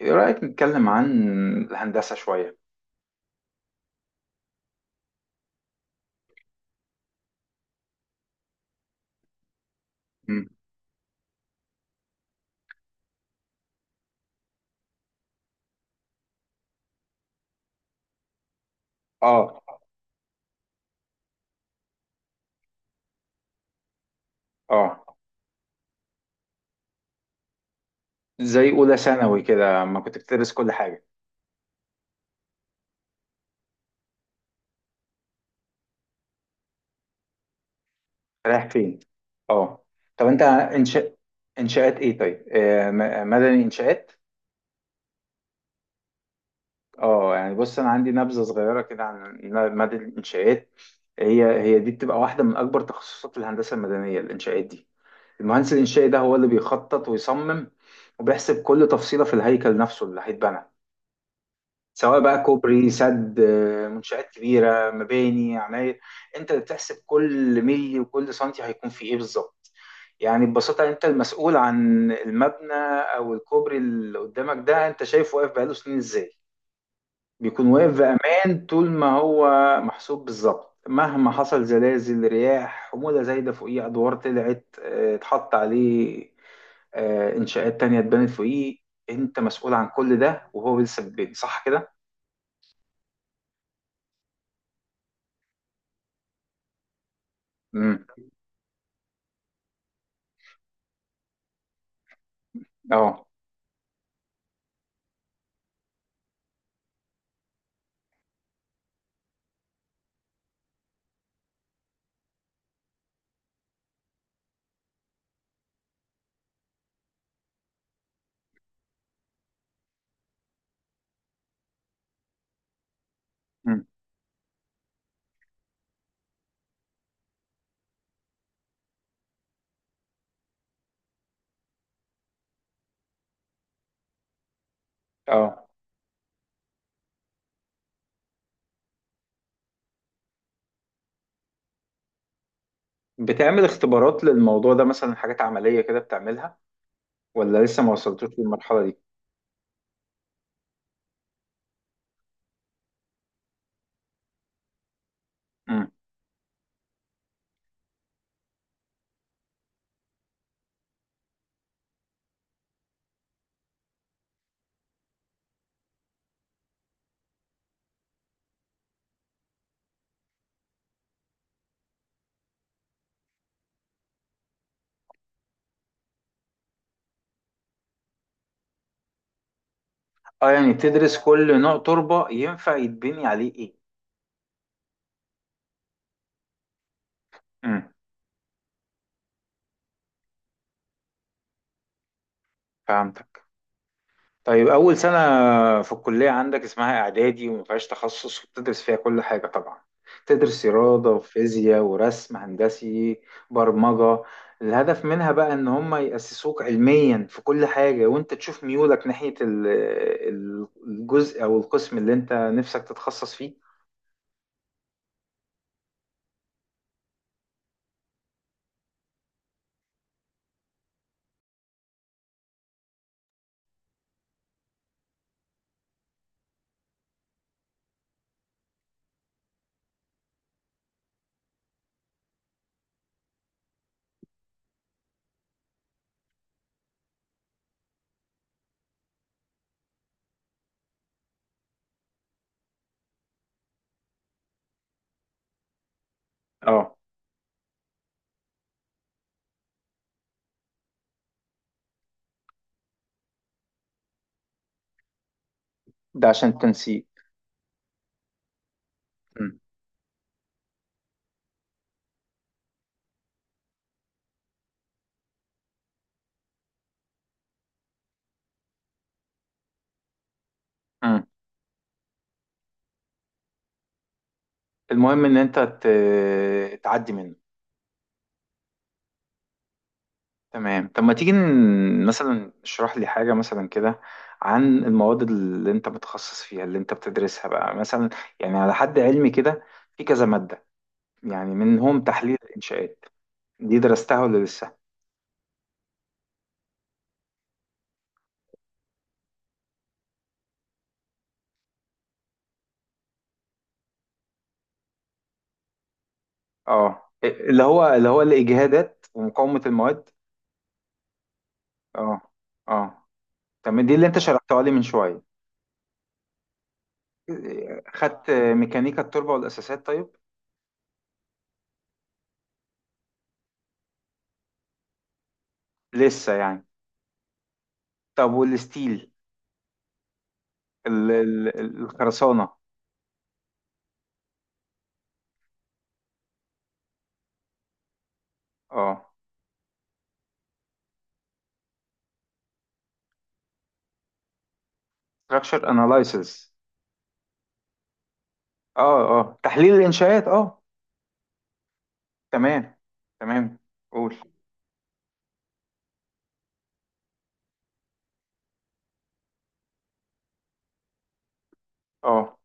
ايه رأيك نتكلم عن الهندسة شوية؟ مم. اه، اه. زي اولى ثانوي كده ما كنت بتدرس كل حاجة. رايح فين؟ اه. طب انت انشاءات ايه؟ طيب، مدني انشاءات. اه، يعني بص، انا عندي نبذة صغيرة كده عن مدني الانشاءات. هي دي بتبقى واحدة من اكبر تخصصات الهندسة المدنية، الانشاءات دي. المهندس الانشائي ده هو اللي بيخطط ويصمم، وبيحسب كل تفصيلة في الهيكل نفسه اللي هيتبنى، سواء بقى كوبري، سد، منشآت كبيرة، مباني، عماير. انت اللي بتحسب كل ملي وكل سنتي هيكون فيه ايه بالظبط. يعني ببساطة انت المسؤول عن المبنى او الكوبري اللي قدامك ده، انت شايف واقف بقاله سنين ازاي؟ بيكون واقف بأمان طول ما هو محسوب بالظبط، مهما حصل زلازل، رياح، حمولة زايدة فوقيه، أدوار طلعت اتحط عليه، إنشاءات تانية اتبنت فوقيه. أنت مسؤول عن كل ده وهو لسه في البيت، صح كده؟ اه. مم. اه، بتعمل اختبارات للموضوع ده مثلا، حاجات عملية كده بتعملها؟ ولا لسه ما وصلتوش للمرحلة دي؟ مم. اه، يعني تدرس كل نوع تربة ينفع يتبني عليه ايه. مم. فهمت. طيب، أول سنة في الكلية عندك اسمها إعدادي، وما فيهاش تخصص، وبتدرس فيها كل حاجة طبعا. تدرس رياضة وفيزياء ورسم هندسي، برمجة. الهدف منها بقى إن هم يأسسوك علميا في كل حاجة، وأنت تشوف ميولك ناحية الجزء أو القسم اللي أنت نفسك تتخصص فيه. اه. ده عشان تنسيق. م. م. المهم إن أنت تعدي منه. تمام. طب ما تيجي مثلا اشرح لي حاجة مثلا كده، عن المواد اللي انت متخصص فيها، اللي انت بتدرسها بقى مثلا. يعني على حد علمي كده، في كذا مادة، يعني منهم تحليل الإنشاءات. دي درستها ولا لسه؟ اه، اللي هو الإجهادات ومقاومة المواد. اه، اه، تمام، دي اللي انت شرحتها لي من شوية. خدت ميكانيكا التربة والأساسات طيب؟ لسه يعني. طب والستيل، الخرسانة. اه، structure analysis. اه، اه، تحليل الانشاءات، اه. تمام، تمام، قول. اه،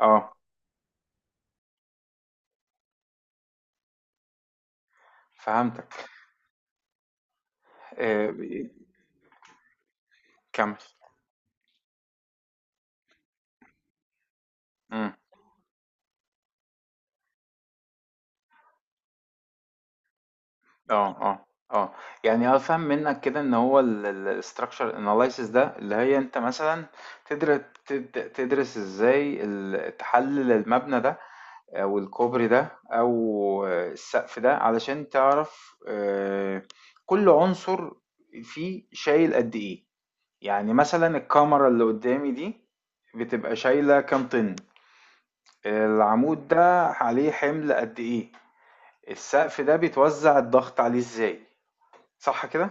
اه، فهمتك. آه، كمل. امم. اه، اه، اه، يعني افهم منك كده ان هو الاستراكشر اناليسيس ده، اللي هي انت مثلا تدرس تدرس ازاي تحلل المبنى ده او الكوبري ده او السقف ده، علشان تعرف كل عنصر فيه شايل قد ايه. يعني مثلا الكاميرا اللي قدامي دي بتبقى شايلة كام طن؟ العمود ده عليه حمل قد ايه؟ السقف ده بيتوزع الضغط عليه ازاي؟ صح كده؟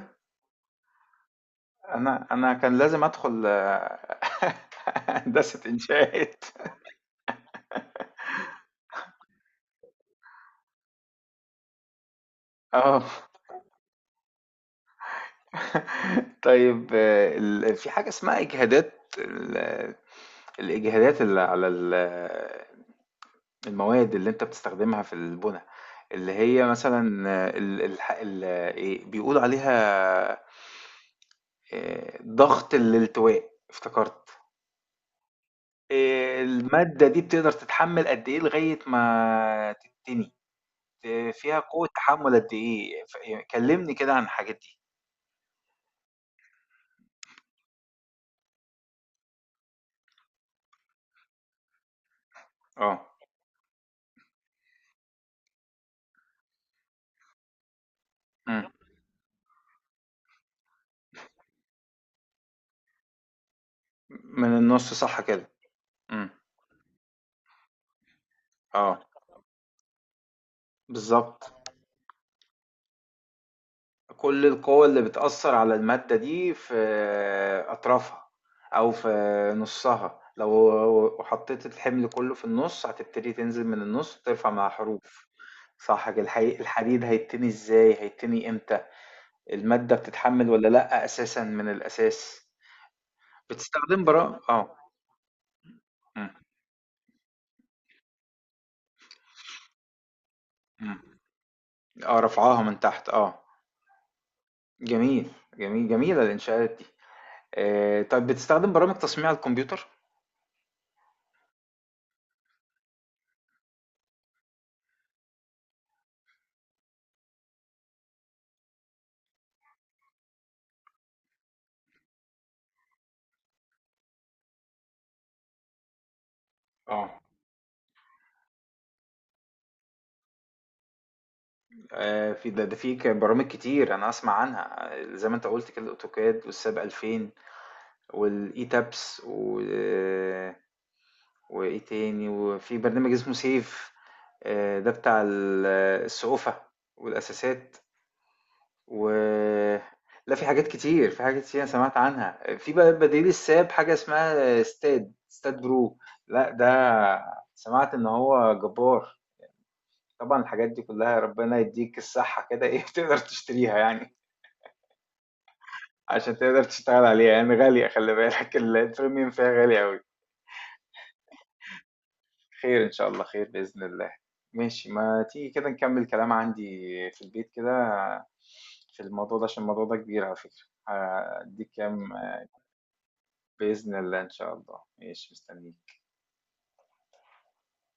انا كان لازم ادخل هندسة انشاءات. اه، طيب، في حاجة اسمها اجهادات، الاجهادات اللي على المواد اللي أنت بتستخدمها في البنا، اللي هي مثلًا، آه، ال الح ال إيه بيقولوا عليها؟ ضغط الالتواء افتكرت، المادة دي بتقدر تتحمل قد إيه لغاية ما تتني، فيها قوة تحمل قد إيه؟ ف ي كلمني كده عن الحاجات دي. آه، إمم، من النُص صح كده، إمم. آه، بالضبط. كل القوى اللي بتأثر على المادة دي في أطرافها أو في نصها. لو حطيت الحمل كله في النص هتبتدي تنزل من النص ترفع مع حروف. صح كده؟ الحديد هيتني ازاي؟ هيتني امتى؟ المادة بتتحمل ولا لأ أساسا من الأساس؟ بتستخدم براءة، اه. مم. مم. اه، رفعها من تحت، اه. جميل، جميل، جميلة الإنشاءات دي. طيب بتستخدم برامج تصميم على الكمبيوتر؟ اه. في ده, ده في برامج كتير انا اسمع عنها، زي ما انت قلت كده، الاوتوكاد والساب 2000 والاي تابس و... آه، وايه تاني، وفي برنامج اسمه سيف، ده بتاع السقوفة والاساسات، و لا، في حاجات كتير، في حاجات كتير انا سمعت عنها، في بقى بديل الساب حاجة اسمها ستاد برو. لا، ده سمعت ان هو جبار. طبعا الحاجات دي كلها ربنا يديك الصحة كده، ايه، تقدر تشتريها يعني عشان تقدر تشتغل عليها، يعني غالية، خلي بالك، البريميوم فيها غالي أوي. خير، إن شاء الله خير، بإذن الله. ماشي، ما تيجي كده نكمل، كلام عندي في البيت كده في الموضوع ده، عشان الموضوع ده كبير، على فكرة هديك كام. بإذن الله، إن شاء الله، ماشي، مستنيك